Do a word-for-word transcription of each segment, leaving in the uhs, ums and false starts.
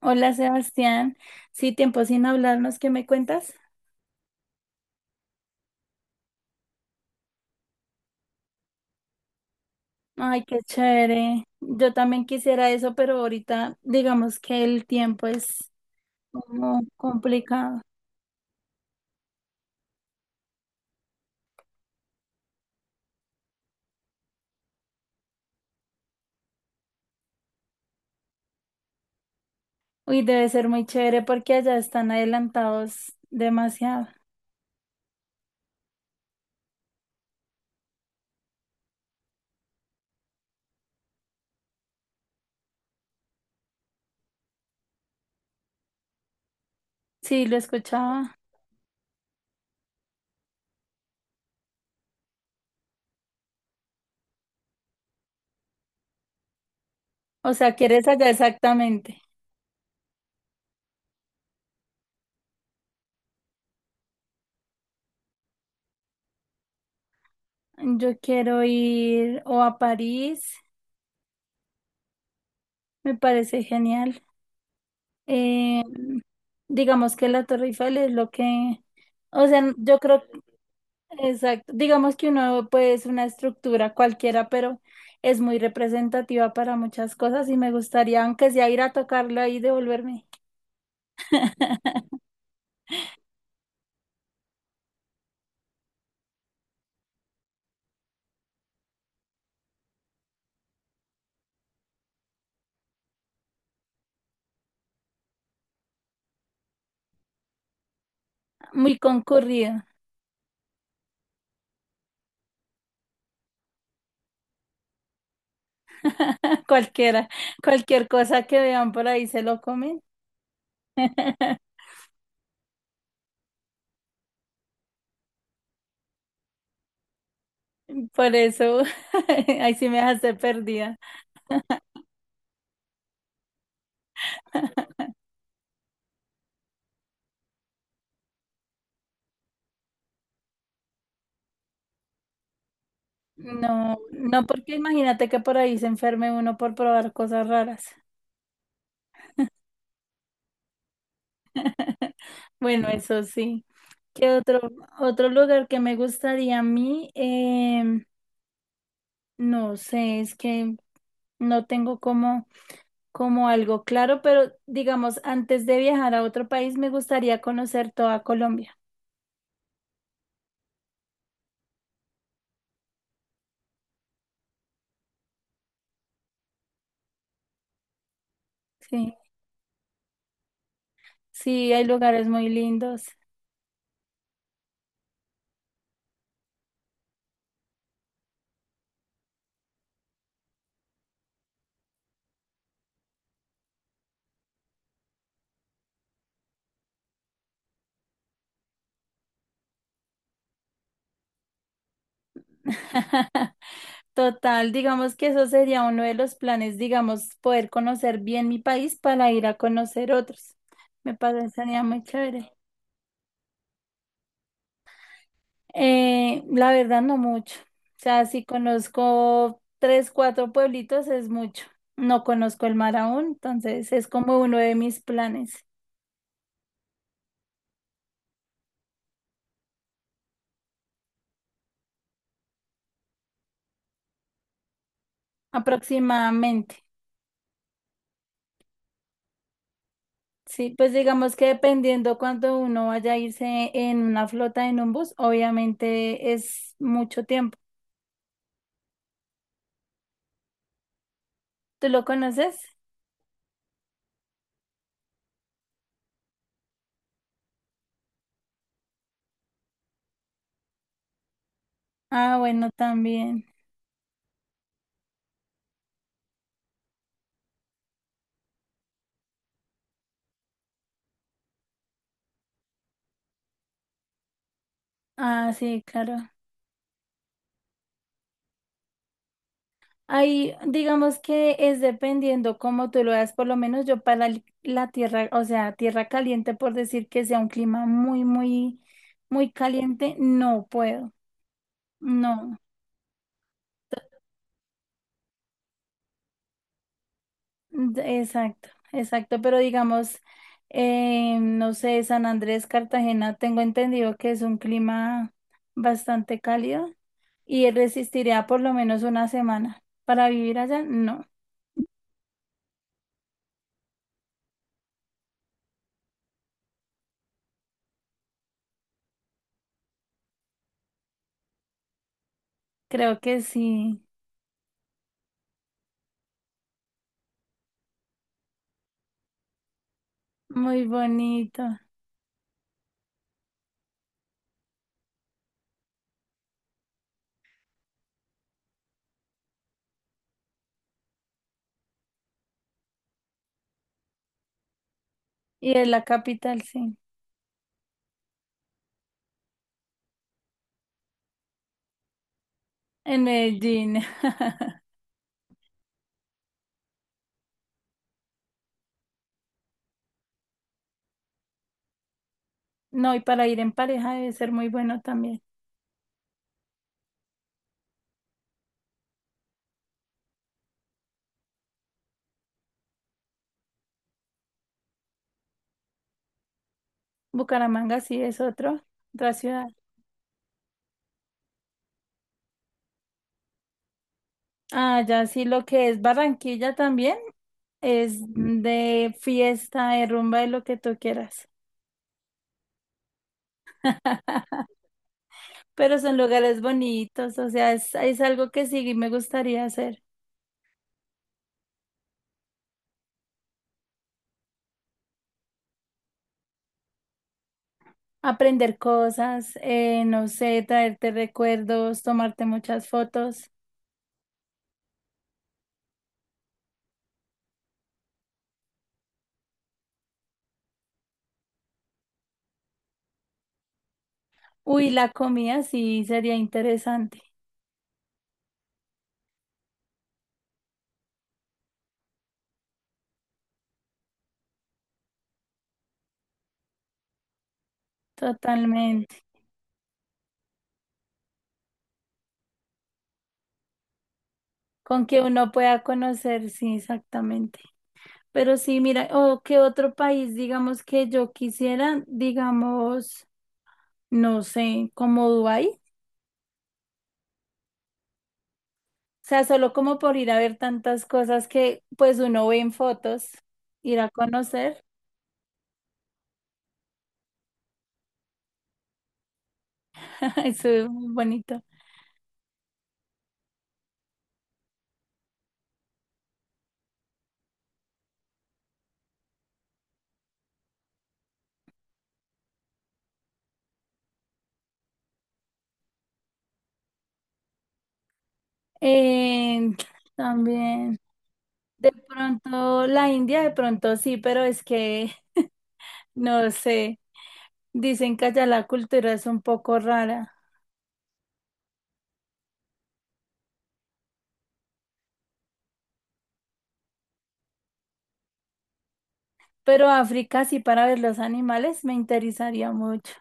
Hola Sebastián, sí, tiempo sin hablarnos, ¿qué me cuentas? Ay, qué chévere. Yo también quisiera eso, pero ahorita digamos que el tiempo es como complicado. Uy, debe ser muy chévere porque allá están adelantados demasiado. Sí, lo escuchaba. O sea, ¿quieres allá exactamente? Yo quiero ir o a París, me parece genial. Eh, digamos que la Torre Eiffel es lo que... O sea, yo creo. Exacto. Digamos que uno pues una estructura cualquiera, pero es muy representativa para muchas cosas y me gustaría, aunque sea ir a tocarlo ahí, y devolverme. Muy concurrido. Cualquiera, cualquier cosa que vean por ahí se lo comen. Por eso, ahí sí me dejaste perdida. No, no, porque imagínate que por ahí se enferme uno por probar cosas raras. Bueno, eso sí. ¿Qué otro, otro lugar que me gustaría a mí? Em, no sé, es que no tengo como, como algo claro, pero digamos, antes de viajar a otro país, me gustaría conocer toda Colombia. Sí, sí, hay lugares muy lindos. Total, digamos que eso sería uno de los planes, digamos, poder conocer bien mi país para ir a conocer otros. Me parecería muy chévere. Eh, la verdad no mucho. O sea, si conozco tres, cuatro pueblitos es mucho. No conozco el mar aún, entonces es como uno de mis planes, aproximadamente. Sí, pues digamos que dependiendo cuando uno vaya a irse en una flota, en un bus, obviamente es mucho tiempo. ¿Tú lo conoces? Ah, bueno, también. Ah, sí, claro. Ahí, digamos que es dependiendo cómo tú lo veas, por lo menos yo para el- la tierra, o sea, tierra caliente, por decir que sea un clima muy, muy, muy caliente, no puedo, no, d- exacto, exacto, pero digamos, eh, no sé, San Andrés, Cartagena, tengo entendido que es un clima bastante cálido y resistiría por lo menos una semana. Para vivir allá, no, creo que sí, muy bonito. Y es la capital, sí. En Medellín. No, y para ir en pareja debe ser muy bueno también. Bucaramanga sí es otro, otra ciudad. Ah, ya sí, lo que es Barranquilla también es de fiesta, de rumba, de lo que tú quieras. Pero son lugares bonitos, o sea, es, es algo que sí me gustaría hacer. Aprender cosas, eh, no sé, traerte recuerdos, tomarte muchas fotos. Uy, la comida sí sería interesante, totalmente. Con que uno pueda conocer, sí, exactamente. Pero sí, mira, o qué otro país, digamos, que yo quisiera, digamos, no sé, como Dubái. O sea, solo como por ir a ver tantas cosas que pues uno ve en fotos, ir a conocer, eso es muy bonito. Eh, También, de pronto, la India, de pronto sí, pero es que, no sé, dicen que allá la cultura es un poco rara. Pero África, sí, para ver los animales me interesaría mucho.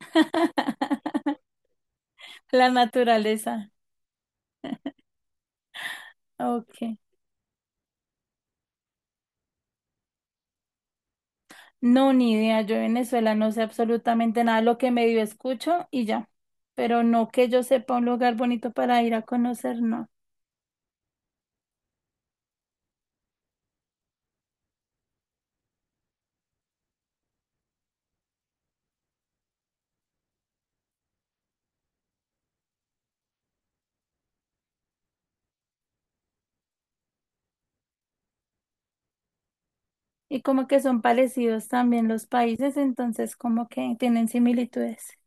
La naturaleza. Ok. No, ni idea. Yo de Venezuela no sé absolutamente nada. Lo que medio escucho y ya. Pero no que yo sepa un lugar bonito para ir a conocer, no. Y como que son parecidos también los países, entonces como que tienen similitudes.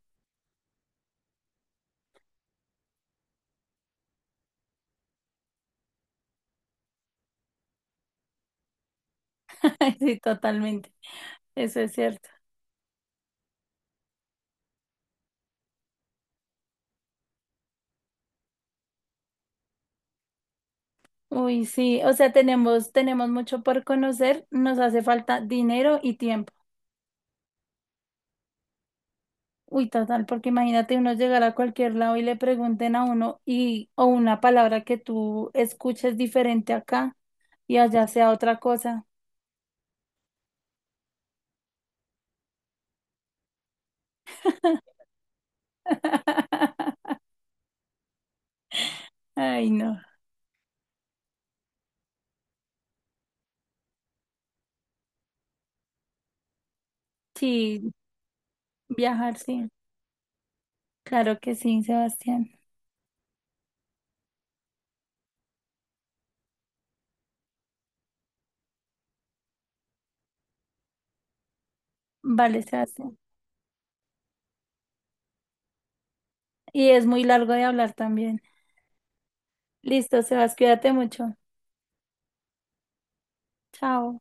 Sí, totalmente. Eso es cierto. Uy, sí. O sea, tenemos, tenemos mucho por conocer. Nos hace falta dinero y tiempo. Uy, total, porque imagínate uno llegar a cualquier lado y le pregunten a uno y o una palabra que tú escuches diferente acá y allá sea otra cosa. Ay, no. Sí, viajar, sí. Claro que sí, Sebastián. Vale, Sebastián. Y es muy largo de hablar también. Listo, Sebas, cuídate mucho. Chao.